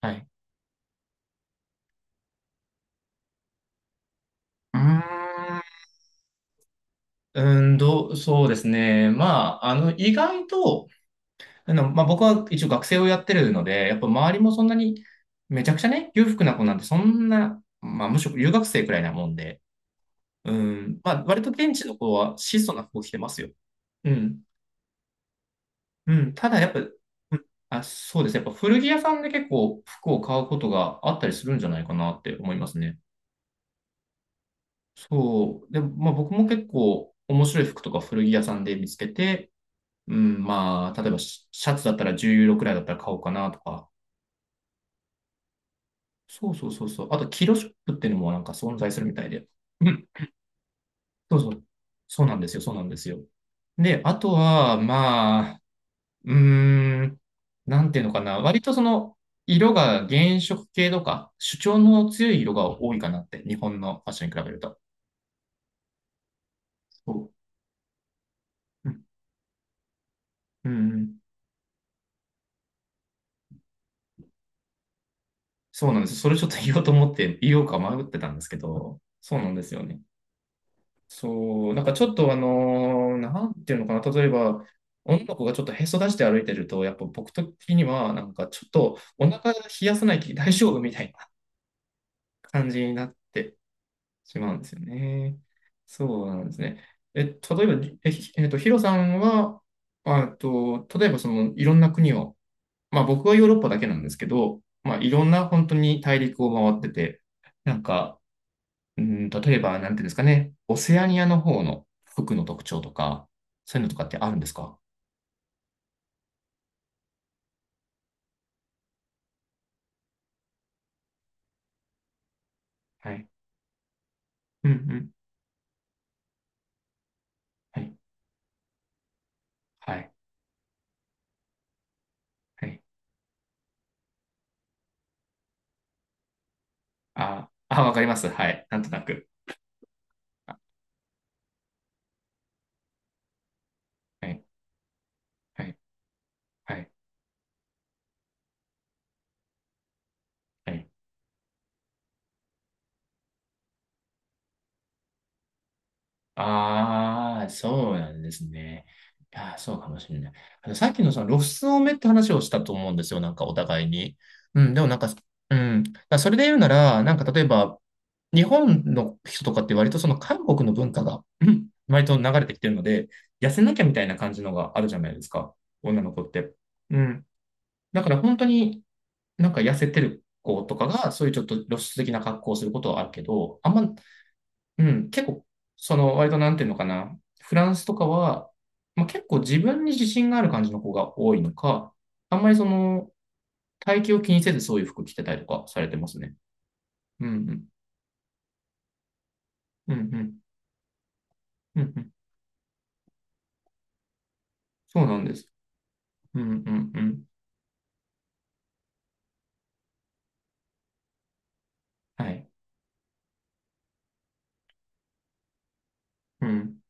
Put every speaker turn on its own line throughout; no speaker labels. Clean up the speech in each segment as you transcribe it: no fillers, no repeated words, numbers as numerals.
はい。うーん、うーんどう、そうですね。まあ、意外と、まあ、僕は一応学生をやってるので、やっぱ周りもそんなに、めちゃくちゃね、裕福な子なんてそんな、まあ、むしろ留学生くらいなもんで、うん、まあ、割と現地の子は質素な服を着てますよ。うん。うん。ただ、やっぱ、そうですね、やっぱ古着屋さんで結構服を買うことがあったりするんじゃないかなって思いますね。そう。で、まあ僕も結構面白い服とか古着屋さんで見つけて、うん、まあ、例えばシシャツだったら10ユーロくらいだったら買おうかなとか。そうそうそうそう。あと、キロショップっていうのもなんか存在するみたいで。うん。そうそう。そうなんですよ。そうなんですよ。で、あとは、まあ、うーん、なんていうのかな。割とその、色が原色系とか、主張の強い色が多いかなって、日本のファッションに比べると。そう、うんうんうん、そうなんです。それちょっと言おうと思って、言おうか迷ってたんですけど、そうなんですよね。そう、なんかちょっとなんていうのかな、例えば、女の子がちょっとへそ出して歩いてると、やっぱ僕的には、なんかちょっとお腹冷やさない気大丈夫みたいな感じになってしまうんですよね。そうなんですね。え、例えば、え、ひえっと、ヒロさんは、あと、例えばそのいろんな国を、まあ僕はヨーロッパだけなんですけど、まあいろんな本当に大陸を回ってて、なんか、うん、例えば、なんていうんですかね、オセアニアの方の服の特徴とか、そういうのとかってあるんですか？はい。うん、うん。はい。はい。はい。あーあ、わかります。はい。なんとなく。あ、はい。はい。はい。はい。ああ、そうなんですね。いやー、そうかもしれない。あの、さっきのその露出多めって話をしたと思うんですよ。なんかお互いに。うん、でもなんか、うん。だからそれで言うなら、なんか例えば、日本の人とかって割とその韓国の文化が、うん、割と流れてきてるので、痩せなきゃみたいな感じのがあるじゃないですか。女の子って。うん。だから本当になんか痩せてる子とかが、そういうちょっと露出的な格好をすることはあるけど、あんま、うん、結構、その、割となんていうのかな。フランスとかは、まあ、結構自分に自信がある感じの子が多いのか、あんまりその、体型を気にせずそういう服着てたりとかされてますね。うんうん。うんうん。うんうん。そうなんです。うんうんうん。はい。うん。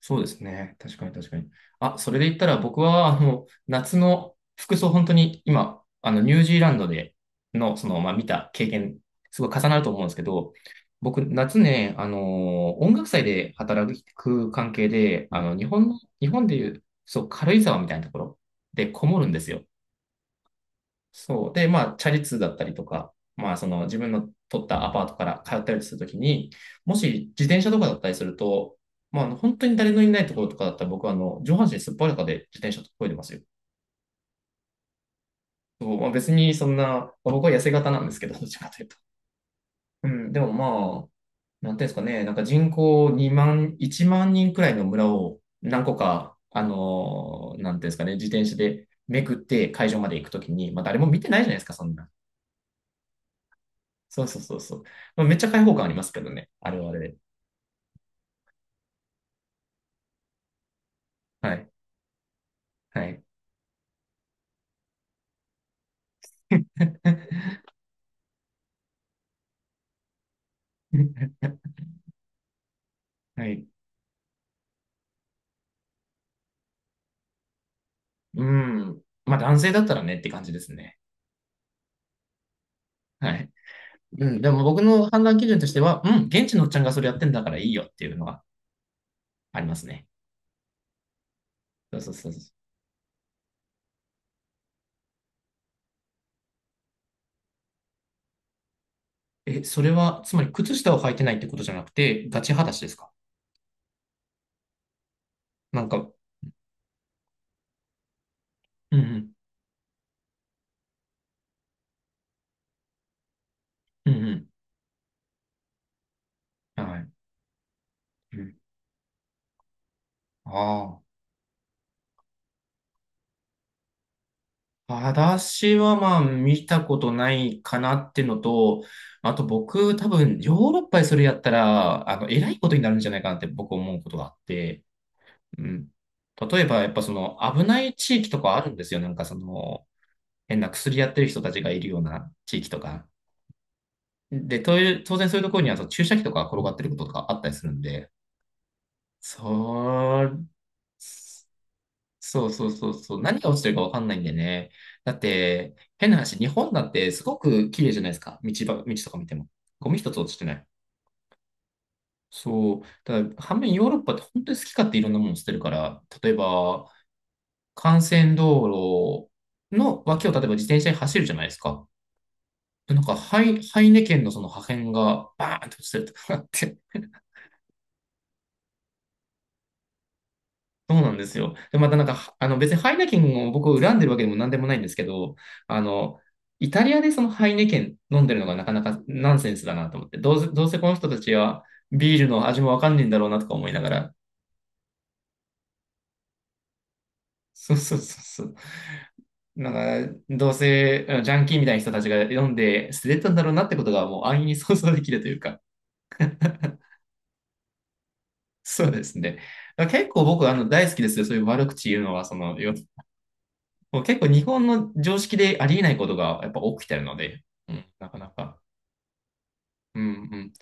そうですね。確かに確かに。あ、それで言ったら僕は、あの、夏の服装、本当に今、あの、ニュージーランドでの、その、まあ、見た経験、すごい重なると思うんですけど、僕、夏ね、あの、音楽祭で働く関係で、あの、日本の、日本でいう、そう、軽井沢みたいなところでこもるんですよ。そう。で、まあ、チャリ通だったりとか、まあ、その自分の取ったアパートから通ったりするときに、もし自転車とかだったりすると、まあ、本当に誰のいないところとかだったら僕はあの上半身すっぱらかで自転車とこいでますよ。そうまあ、別にそんな、僕は痩せ型なんですけど、どっちかというと。うん、でもまあ、なんていうんですかね、なんか人口2万、1万人くらいの村を何個か、なんていうんですかね、自転車でめくって会場まで行くときに、まあ誰も見てないじゃないですか、そんな。そうそうそうそう。まあ、めっちゃ開放感ありますけどね。あれはあれで。はい。はい。はい。うん。まあ男性だったらねって感じですね。はい。うん。でも僕の判断基準としては、うん、現地のおっちゃんがそれやってんだからいいよっていうのがありますね。そうそうそうそう。え、それは、つまり靴下を履いてないってことじゃなくて、ガチ裸足ですか？なんか、うんうん。うんうん。はい。うん。ああ。私はまあ見たことないかなってのと、あと僕多分ヨーロッパでそれやったら、あの、偉いことになるんじゃないかなって僕思うことがあって、うん。例えばやっぱその危ない地域とかあるんですよ。なんかその変な薬やってる人たちがいるような地域とか。で、という当然そういうところにはその注射器とか転がってることとかあったりするんで、そ、そうそうそうそう。何が落ちてるかわかんないんでね。だって、変な話、日本だってすごく綺麗じゃないですか。道とか見ても。ゴミ一つ落ちてない。そう。ただ反面ヨーロッパって本当に好き勝手いろんなもの捨てるから、例えば、幹線道路の脇を例えば自転車に走るじゃないですか。でなんか、ハイネケンのその破片がバーンと落ちてるとかあって、そうなんですよ。で、またなんか、あの別にハイネケンを僕を恨んでるわけでも何でもないんですけど、あの、イタリアでそのハイネケン飲んでるのがなかなかナンセンスだなと思って、どうせ、どうせこの人たちはビールの味もわかんねえんだろうなとか思いながら、そうそうそうそう。なんか、どうせあのジャンキーみたいな人たちが飲んで捨ててたんだろうなってことがもう安易に想像できるというか、そうですね。だから結構僕あの大好きですよ。そういう悪口言うのは、その、もう結構日本の常識でありえないことがやっぱ起きてるので、うん、なかなか。うんうん。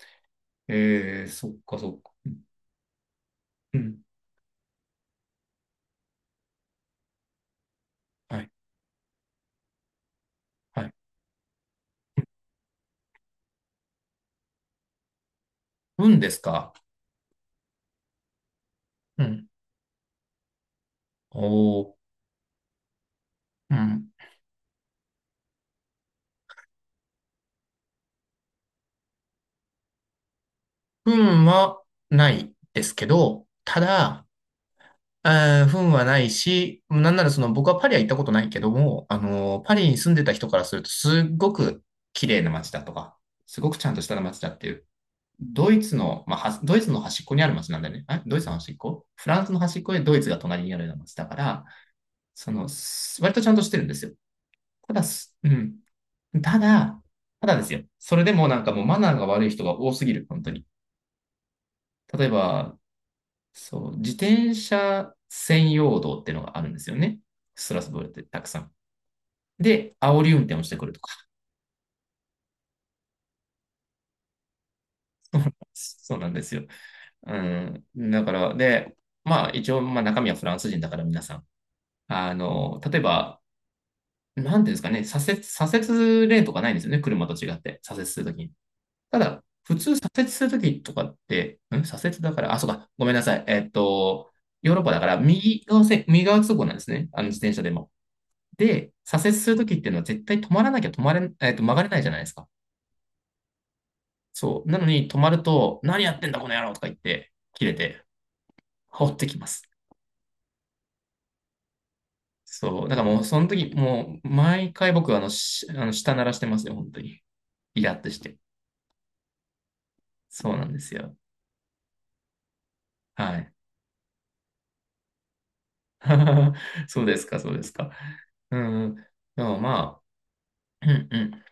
えー、そっかそっか。うん。はい。はい。運ですか？うん。おー。うん。運はないですけど、ただ、運はないし、なんならその僕はパリは行ったことないけども、パリに住んでた人からするとすっごく綺麗な街だとか、すごくちゃんとした街だっていう、ドイツの、まあ、ドイツの端っこにある町なんだよね。ドイツの端っこ、フランスの端っこでドイツが隣にあるような町だから、その、割とちゃんとしてるんですよ。ただ、うん。ただ、ただですよ。それでもなんかもうマナーが悪い人が多すぎる、本当に。例えば、そう、自転車専用道っていうのがあるんですよね。ストラスブールってたくさん。で、煽り運転をしてくるとか。そうなんですよ。うん。だから、で、まあ一応、まあ中身はフランス人だから皆さん。あの、例えば、なんていうんですかね、左折レーンとかないんですよね、車と違って、左折するときに。ただ、普通左折するときとかって、ん左折だから、あ、そうか、ごめんなさい。ヨーロッパだから、右側通行なんですね、あの自転車でも。で、左折するときっていうのは絶対止まらなきゃ止まれ、えっと、曲がれないじゃないですか。そう。なのに止まると、何やってんだ、この野郎とか言って、切れて、放ってきます。そう。だからもう、その時、もう、毎回僕、あの、舌鳴らしてますよ、本当に。イラッとして。そうなんですよ。はい。そうですか、そうですか。うん。でもまあ、うんうん。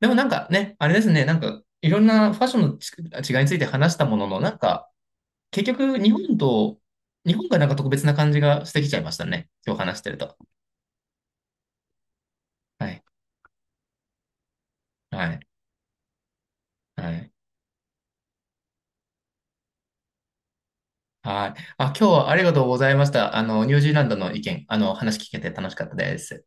でもなんかね、あれですね、なんかいろんなファッションの違いについて話したものの、なんか結局日本と、日本がなんか特別な感じがしてきちゃいましたね。今日話してると。はい。はい。はい。はい。あ、今日はありがとうございました。あの、ニュージーランドの意見、あの、話聞けて楽しかったです。